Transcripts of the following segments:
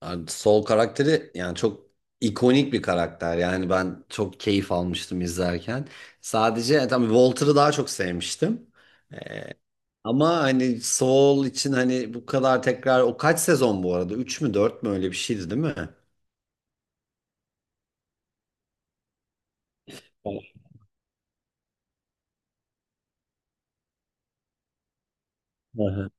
Abi Sol karakteri yani çok ikonik bir karakter. Yani ben çok keyif almıştım izlerken. Sadece yani tabii Walter'ı daha çok sevmiştim. Ama hani Sol için hani bu kadar tekrar, o kaç sezon bu arada? Üç mü 4 mü, öyle bir şeydi değil mi? Evet. Hı hı.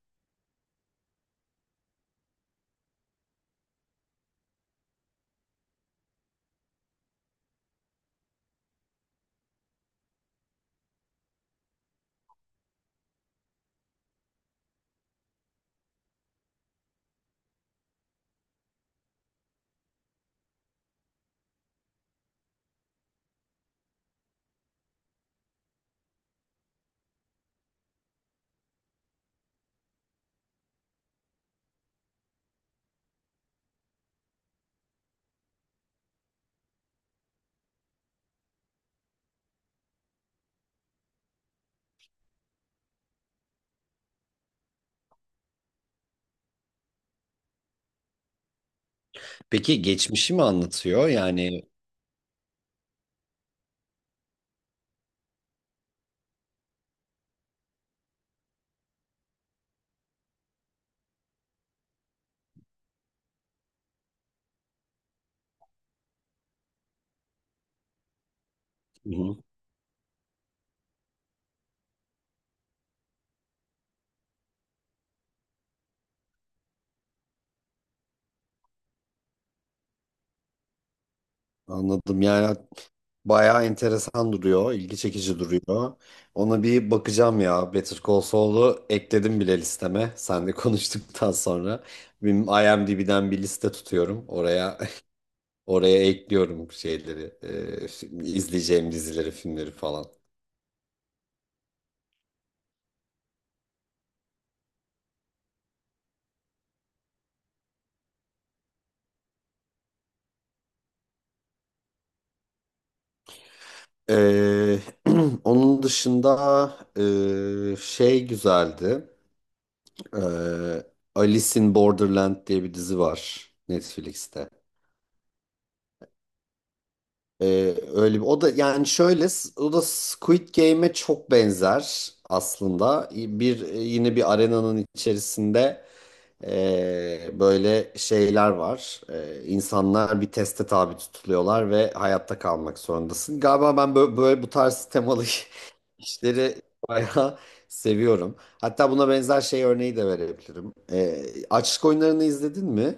Peki geçmişi mi anlatıyor? Yani hı hı, anladım yani. Bayağı enteresan duruyor, ilgi çekici duruyor. Ona bir bakacağım ya. Better Call Saul'u ekledim bile listeme. Senle konuştuktan sonra benim IMDb'den bir liste tutuyorum. Oraya oraya ekliyorum şeyleri, izleyeceğim dizileri, filmleri falan. Ee, onun dışında şey güzeldi. Ee, Alice in Borderland diye bir dizi var Netflix'te. Öyle bir, o da yani şöyle o da Squid Game'e çok benzer aslında. Bir, yine bir arenanın içerisinde böyle şeyler var. İnsanlar bir teste tabi tutuluyorlar ve hayatta kalmak zorundasın. Galiba ben böyle bu tarz temalı işleri bayağı seviyorum. Hatta buna benzer şey örneği de verebilirim. Açlık oyunlarını izledin mi?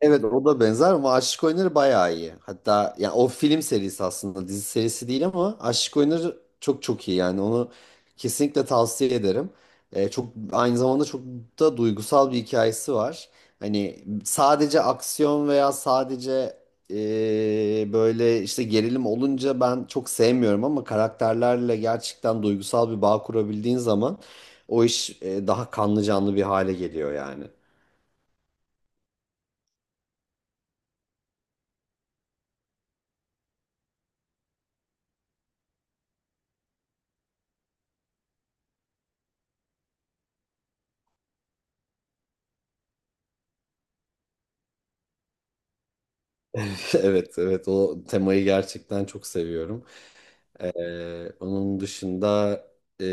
Evet, o da benzer ama Aşık Oyunları bayağı iyi. Hatta ya o film serisi aslında, dizi serisi değil ama Aşık Oyunları çok çok iyi yani, onu kesinlikle tavsiye ederim. Çok aynı zamanda çok da duygusal bir hikayesi var. Hani sadece aksiyon veya sadece böyle işte gerilim olunca ben çok sevmiyorum ama karakterlerle gerçekten duygusal bir bağ kurabildiğin zaman o iş daha kanlı canlı bir hale geliyor yani. Evet, evet o temayı gerçekten çok seviyorum. Onun dışında e,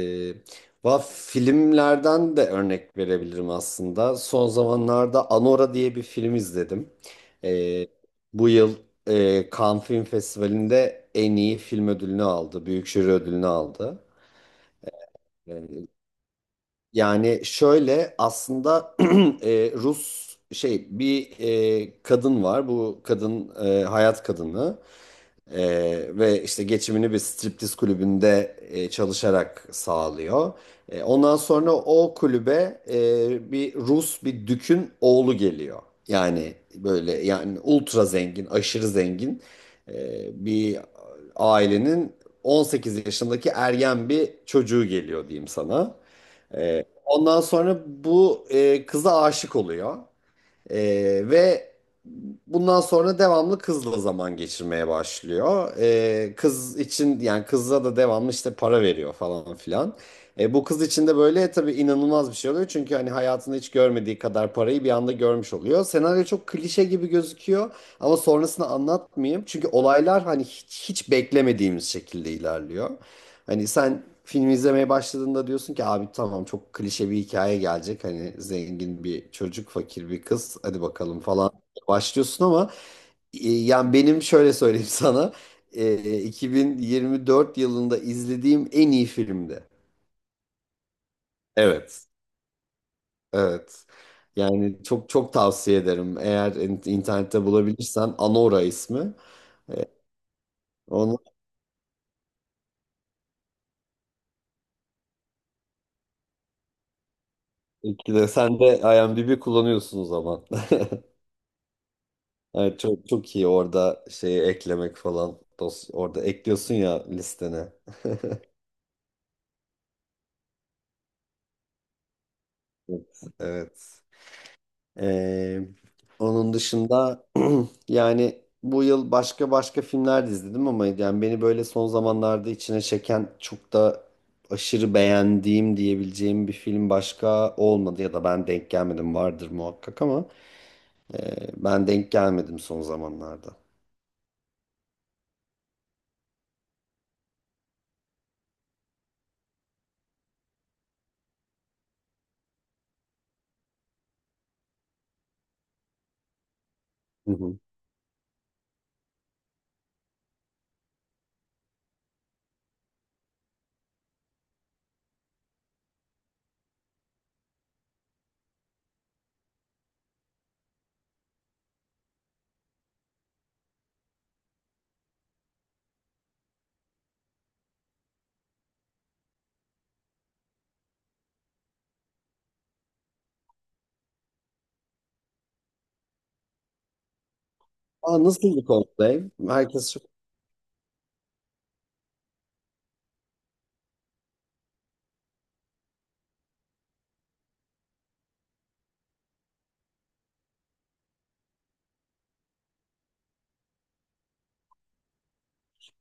va filmlerden de örnek verebilirim aslında. Son zamanlarda Anora diye bir film izledim. Ee, Bu yıl Cannes Film Festivali'nde en iyi film ödülünü aldı, büyük jüri ödülünü aldı. Ee, Yani şöyle aslında Rus şey bir kadın var, bu kadın hayat kadını. Ve işte geçimini bir striptiz kulübünde çalışarak sağlıyor. Ondan sonra o kulübe, bir Rus, bir dükün oğlu geliyor. Yani böyle, yani ultra zengin, aşırı zengin bir ailenin 18 yaşındaki ergen bir çocuğu geliyor diyeyim sana. Ondan sonra bu kıza aşık oluyor. Ve bundan sonra devamlı kızla zaman geçirmeye başlıyor. Kız için yani, kızla da devamlı işte para veriyor falan filan. Bu kız için de böyle tabii inanılmaz bir şey oluyor. Çünkü hani hayatında hiç görmediği kadar parayı bir anda görmüş oluyor. Senaryo çok klişe gibi gözüküyor ama sonrasını anlatmayayım. Çünkü olaylar hani hiç beklemediğimiz şekilde ilerliyor. Hani sen film izlemeye başladığında diyorsun ki abi tamam, çok klişe bir hikaye gelecek. Hani zengin bir çocuk, fakir bir kız, hadi bakalım falan başlıyorsun ama yani benim şöyle söyleyeyim sana, 2024 yılında izlediğim en iyi filmdi. Evet. Evet. Yani çok çok tavsiye ederim. Eğer internette bulabilirsen Anora ismi. E, Onu ikide sen de IMDb kullanıyorsun o zaman. Evet, çok çok iyi orada şeyi eklemek falan. Orada ekliyorsun ya listene. Evet. Evet. Ee, Onun dışında yani bu yıl başka başka filmler de izledim ama yani beni böyle son zamanlarda içine çeken, çok da aşırı beğendiğim diyebileceğim bir film başka olmadı, ya da ben denk gelmedim, vardır muhakkak ama ben denk gelmedim son zamanlarda. Hı hı. Aa, nasıldı Coldplay? Herkes çok...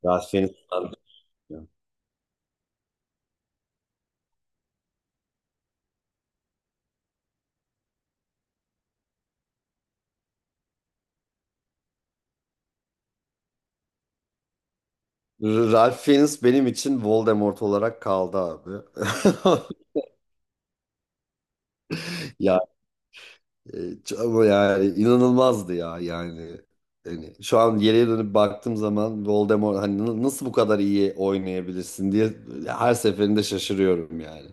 Ya seni Ralph Fiennes benim için Voldemort olarak kaldı abi. Ya, e, ama yani inanılmazdı ya yani. Yani şu an geriye dönüp baktığım zaman Voldemort hani nasıl bu kadar iyi oynayabilirsin diye her seferinde şaşırıyorum yani.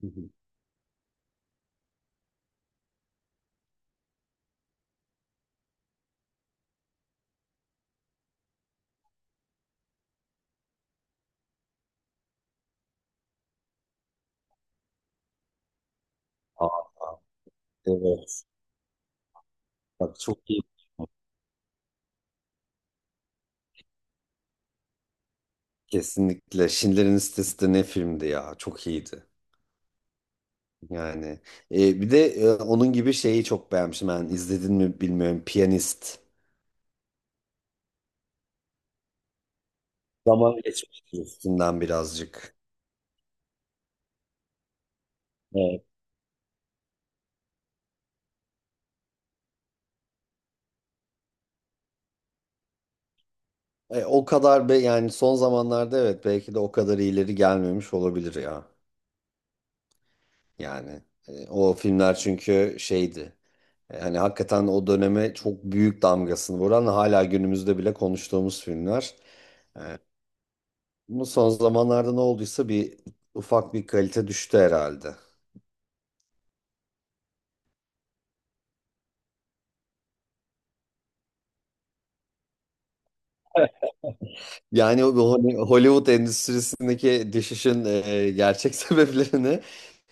Hı hı. Aa, evet. Bak çok iyi. Kesinlikle. Schindler'in Listesi de ne filmdi ya. Çok iyiydi. Yani, bir de onun gibi şeyi çok beğenmişim. Ben, izledin mi bilmiyorum. Piyanist. Zaman geçmiştir üstünden birazcık. Evet. O kadar be yani, son zamanlarda evet, belki de o kadar ileri gelmemiş olabilir ya. Yani o filmler çünkü şeydi. Hani hakikaten o döneme çok büyük damgasını vuran, hala günümüzde bile konuştuğumuz filmler. E, Bu son zamanlarda ne olduysa bir ufak bir kalite düştü herhalde. Yani bu hani Hollywood endüstrisindeki düşüşün gerçek sebeplerini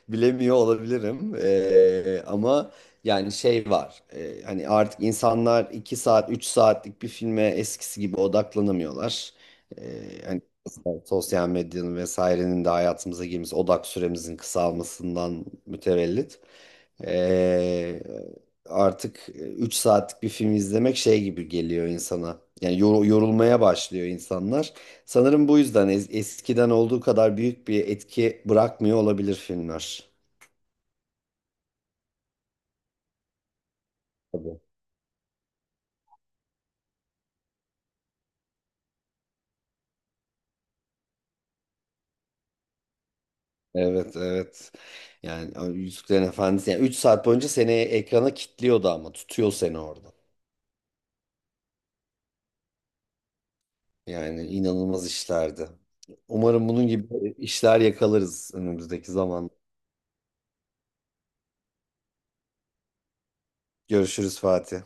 bilemiyor olabilirim. Ama yani şey var. Hani artık insanlar 2 saat 3 saatlik bir filme eskisi gibi odaklanamıyorlar. Hani sosyal medyanın vesairenin de hayatımıza girmesi, odak süremizin kısalmasından mütevellit. Ee, Artık 3 saatlik bir film izlemek şey gibi geliyor insana yani, yorulmaya başlıyor insanlar. Sanırım bu yüzden eskiden olduğu kadar büyük bir etki bırakmıyor olabilir filmler. Tabii. Evet, evet. Yani o Yüzüklerin Efendisi yani 3 saat boyunca seni ekrana kilitliyordu ama tutuyor seni orada. Yani inanılmaz işlerdi. Umarım bunun gibi işler yakalarız önümüzdeki zaman. Görüşürüz Fatih.